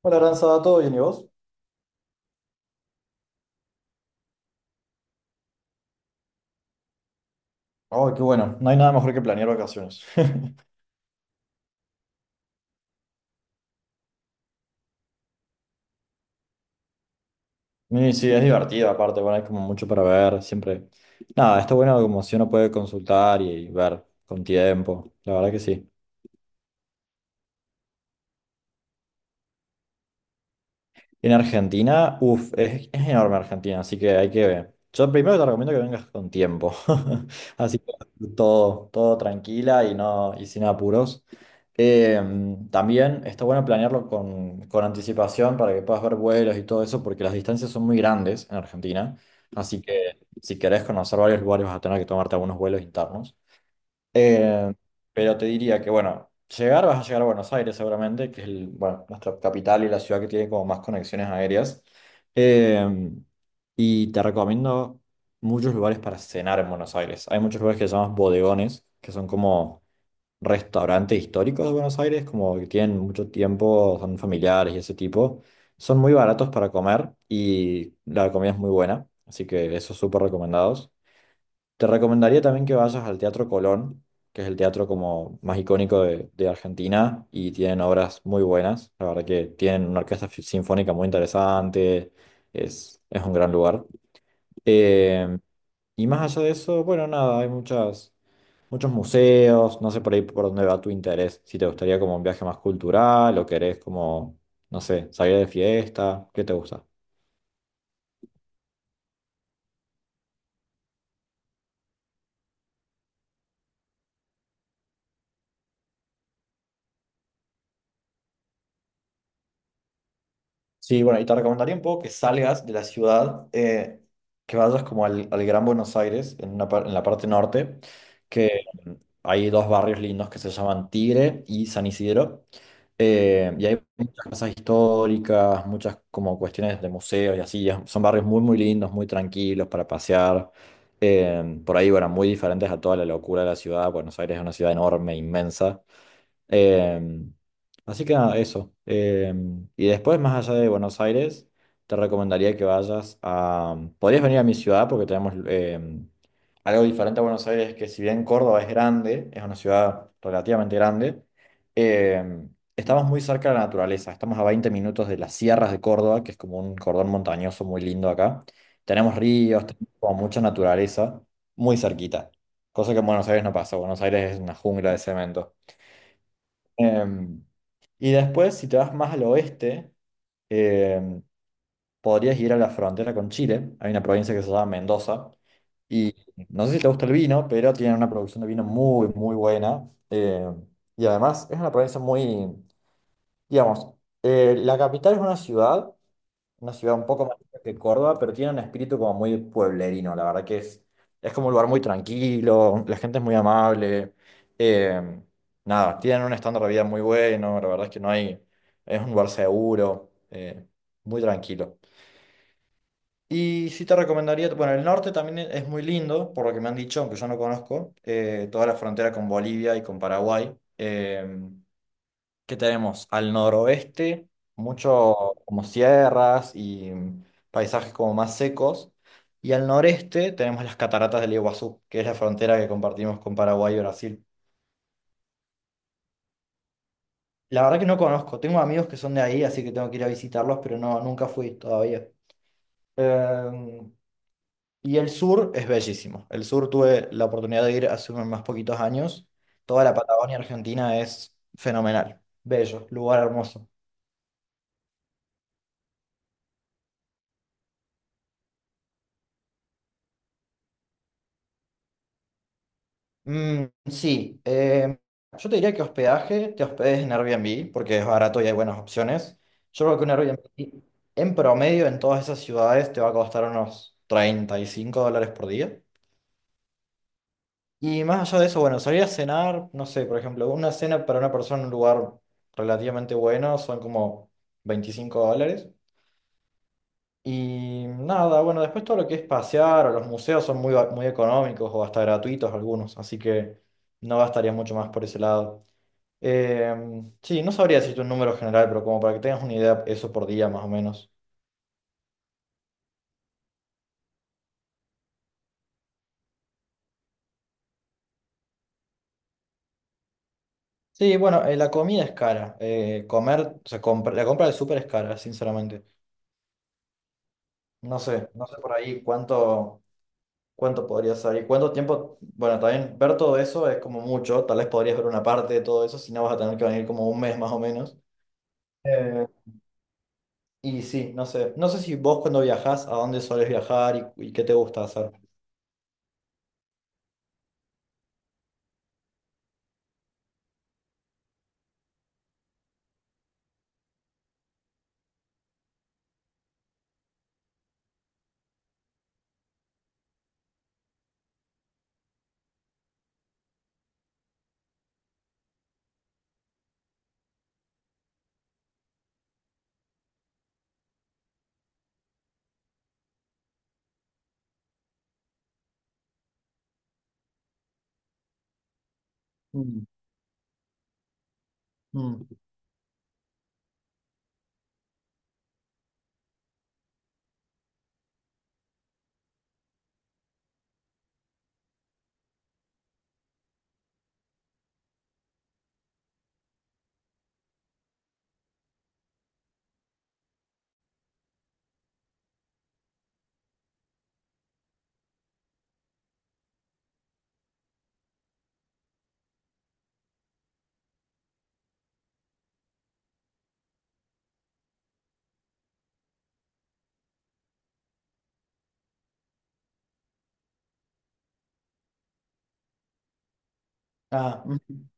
Hola, Aranza, ¿todo bien y vos? Oh, qué bueno, no hay nada mejor que planear vacaciones. Y sí, es divertido, aparte, bueno, hay como mucho para ver, siempre. Nada, está bueno como si uno puede consultar y ver con tiempo, la verdad que sí. En Argentina, uff, es enorme Argentina, así que hay que ver. Yo primero te recomiendo que vengas con tiempo, así que todo, todo tranquila y, no, y sin apuros. Eh, También está bueno planearlo con anticipación para que puedas ver vuelos y todo eso, porque las distancias son muy grandes en Argentina, así que si querés conocer varios lugares vas a tener que tomarte algunos vuelos internos. Eh, pero te diría que, bueno, vas a llegar a Buenos Aires seguramente, que es bueno, nuestra capital y la ciudad que tiene como más conexiones aéreas. Eh, y te recomiendo muchos lugares para cenar en Buenos Aires. Hay muchos lugares que se llaman bodegones, que son como restaurantes históricos de Buenos Aires, como que tienen mucho tiempo, son familiares y ese tipo. Son muy baratos para comer y la comida es muy buena, así que esos súper recomendados. Te recomendaría también que vayas al Teatro Colón, que es el teatro como más icónico de Argentina y tienen obras muy buenas. La verdad que tienen una orquesta sinfónica muy interesante, es un gran lugar. Eh, y más allá de eso, bueno, nada, hay muchos museos, no sé por ahí por dónde va tu interés, si te gustaría como un viaje más cultural o querés como, no sé, salir de fiesta, ¿qué te gusta? Sí, bueno, y te recomendaría un poco que salgas de la ciudad, que vayas como al Gran Buenos Aires, en la parte norte, que hay dos barrios lindos que se llaman Tigre y San Isidro. Y hay muchas casas históricas, muchas como cuestiones de museos y así. Son barrios muy, muy lindos, muy tranquilos para pasear. Por ahí, bueno, muy diferentes a toda la locura de la ciudad. Buenos Aires es una ciudad enorme, inmensa. Em, Así que nada, eso. Y después, más allá de Buenos Aires, te recomendaría que vayas a... Podrías venir a mi ciudad porque tenemos algo diferente a Buenos Aires, que si bien Córdoba es grande, es una ciudad relativamente grande, em, estamos muy cerca de la naturaleza. Estamos a 20 minutos de las sierras de Córdoba, que es como un cordón montañoso muy lindo acá. Tenemos ríos, tenemos como mucha naturaleza, muy cerquita. Cosa que en Buenos Aires no pasa. Buenos Aires es una jungla de cemento. Em, y después, si te vas más al oeste, em, podrías ir a la frontera con Chile. Hay una provincia que se llama Mendoza. Y no sé si te gusta el vino, pero tienen una producción de vino muy, muy buena. Y además es una provincia muy, digamos, la capital es una ciudad un poco más chica que Córdoba, pero tiene un espíritu como muy pueblerino, la verdad que es como un lugar muy tranquilo, la gente es muy amable, eh, nada, tienen un estándar de vida muy bueno, la verdad es que no hay, es un lugar seguro, muy tranquilo. Y sí te recomendaría, bueno, el norte también es muy lindo, por lo que me han dicho, aunque yo no conozco, toda la frontera con Bolivia y con Paraguay. eh, que tenemos al noroeste, mucho como sierras y paisajes como más secos, y al noreste tenemos las cataratas del Iguazú, que es la frontera que compartimos con Paraguay y Brasil. La verdad que no conozco, tengo amigos que son de ahí, así que tengo que ir a visitarlos, pero no, nunca fui todavía. Eh, y el sur es bellísimo. El sur tuve la oportunidad de ir hace unos más poquitos años. Toda la Patagonia Argentina es fenomenal, bello, lugar hermoso. Mm, sí, yo te diría que hospedaje, te hospedes en Airbnb porque es barato y hay buenas opciones. Yo creo que un Airbnb en promedio en todas esas ciudades te va a costar unos US$35 por día. Y más allá de eso, bueno, salir a cenar, no sé, por ejemplo, una cena para una persona en un lugar relativamente bueno son como US$25. Y nada, bueno, después todo lo que es pasear o los museos son muy económicos o hasta gratuitos algunos, así que no gastaría mucho más por ese lado. Sí, no sabría decirte un número general, pero como para que tengas una idea, eso por día más o menos. Sí, bueno, la comida es cara. Comer, o sea, la compra del súper es cara, sinceramente. No sé, por ahí cuánto podría salir, cuánto tiempo. Bueno, también ver todo eso es como mucho. Tal vez podrías ver una parte de todo eso, si no vas a tener que venir como un mes más o menos. Eh, y sí, no sé. No sé si vos cuando viajás, a dónde solés viajar y qué te gusta hacer. Mm, mm. Ah. Mm.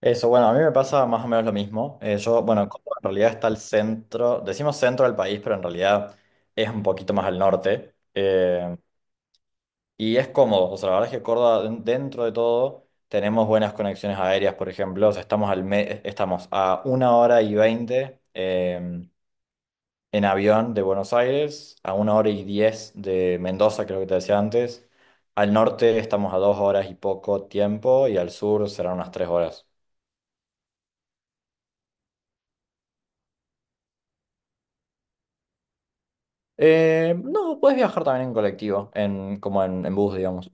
Eso, bueno, a mí me pasa más o menos lo mismo. Yo, bueno, Córdoba en realidad está al centro, decimos centro del país, pero en realidad es un poquito más al norte. Y es cómodo, o sea, la verdad es que Córdoba, dentro de todo, tenemos buenas conexiones aéreas, por ejemplo. O sea, estamos, estamos a 1 hora y 20 en avión de Buenos Aires, a 1 hora y 10 de Mendoza, creo que te decía antes. Al norte estamos a 2 horas y poco tiempo, y al sur serán unas 3 horas. No, puedes viajar también en colectivo, en bus, digamos.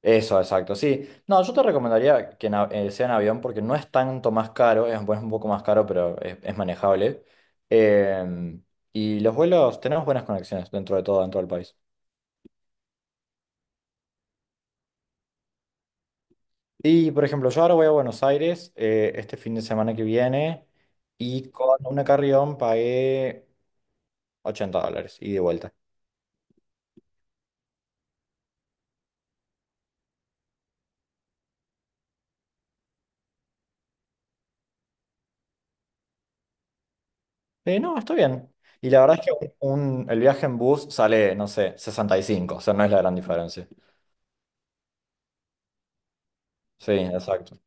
Eso, exacto, sí. No, yo te recomendaría que sea en avión porque no es tanto más caro, bueno, es un poco más caro, pero es manejable. Em, y los vuelos, tenemos buenas conexiones dentro de todo, dentro del país. Y, por ejemplo, yo ahora voy a Buenos Aires este fin de semana que viene y con una carrión pagué US$80 ida y de vuelta. No, está bien. Y la verdad es que el viaje en bus sale, no sé, 65, o sea, no es la gran diferencia. Sí, exacto.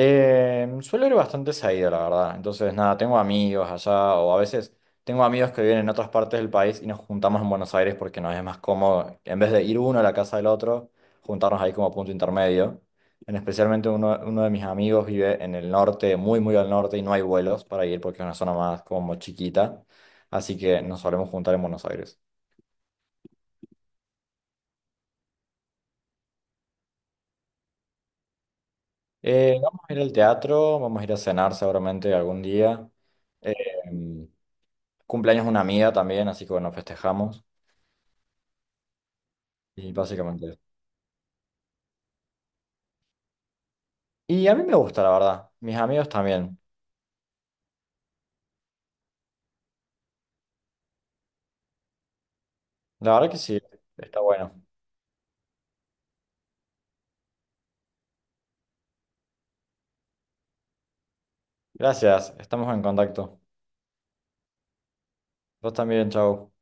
Suelo ir bastante seguido, la verdad. Entonces, nada, tengo amigos allá, o a veces tengo amigos que viven en otras partes del país y nos juntamos en Buenos Aires porque nos es más cómodo, en vez de ir uno a la casa del otro, juntarnos ahí como punto intermedio. En especialmente uno de mis amigos vive en el norte, muy, muy al norte, y no hay vuelos para ir porque es una zona más como chiquita. Así que nos solemos juntar en Buenos Aires. Vamos a ir al teatro, vamos a ir a cenar seguramente algún día. Eh, Cumpleaños de una amiga también, así que bueno, festejamos y básicamente eso. Y a mí me gusta, la verdad. Mis amigos también. La verdad que sí, está bueno. Gracias, estamos en contacto. Vos también, chau.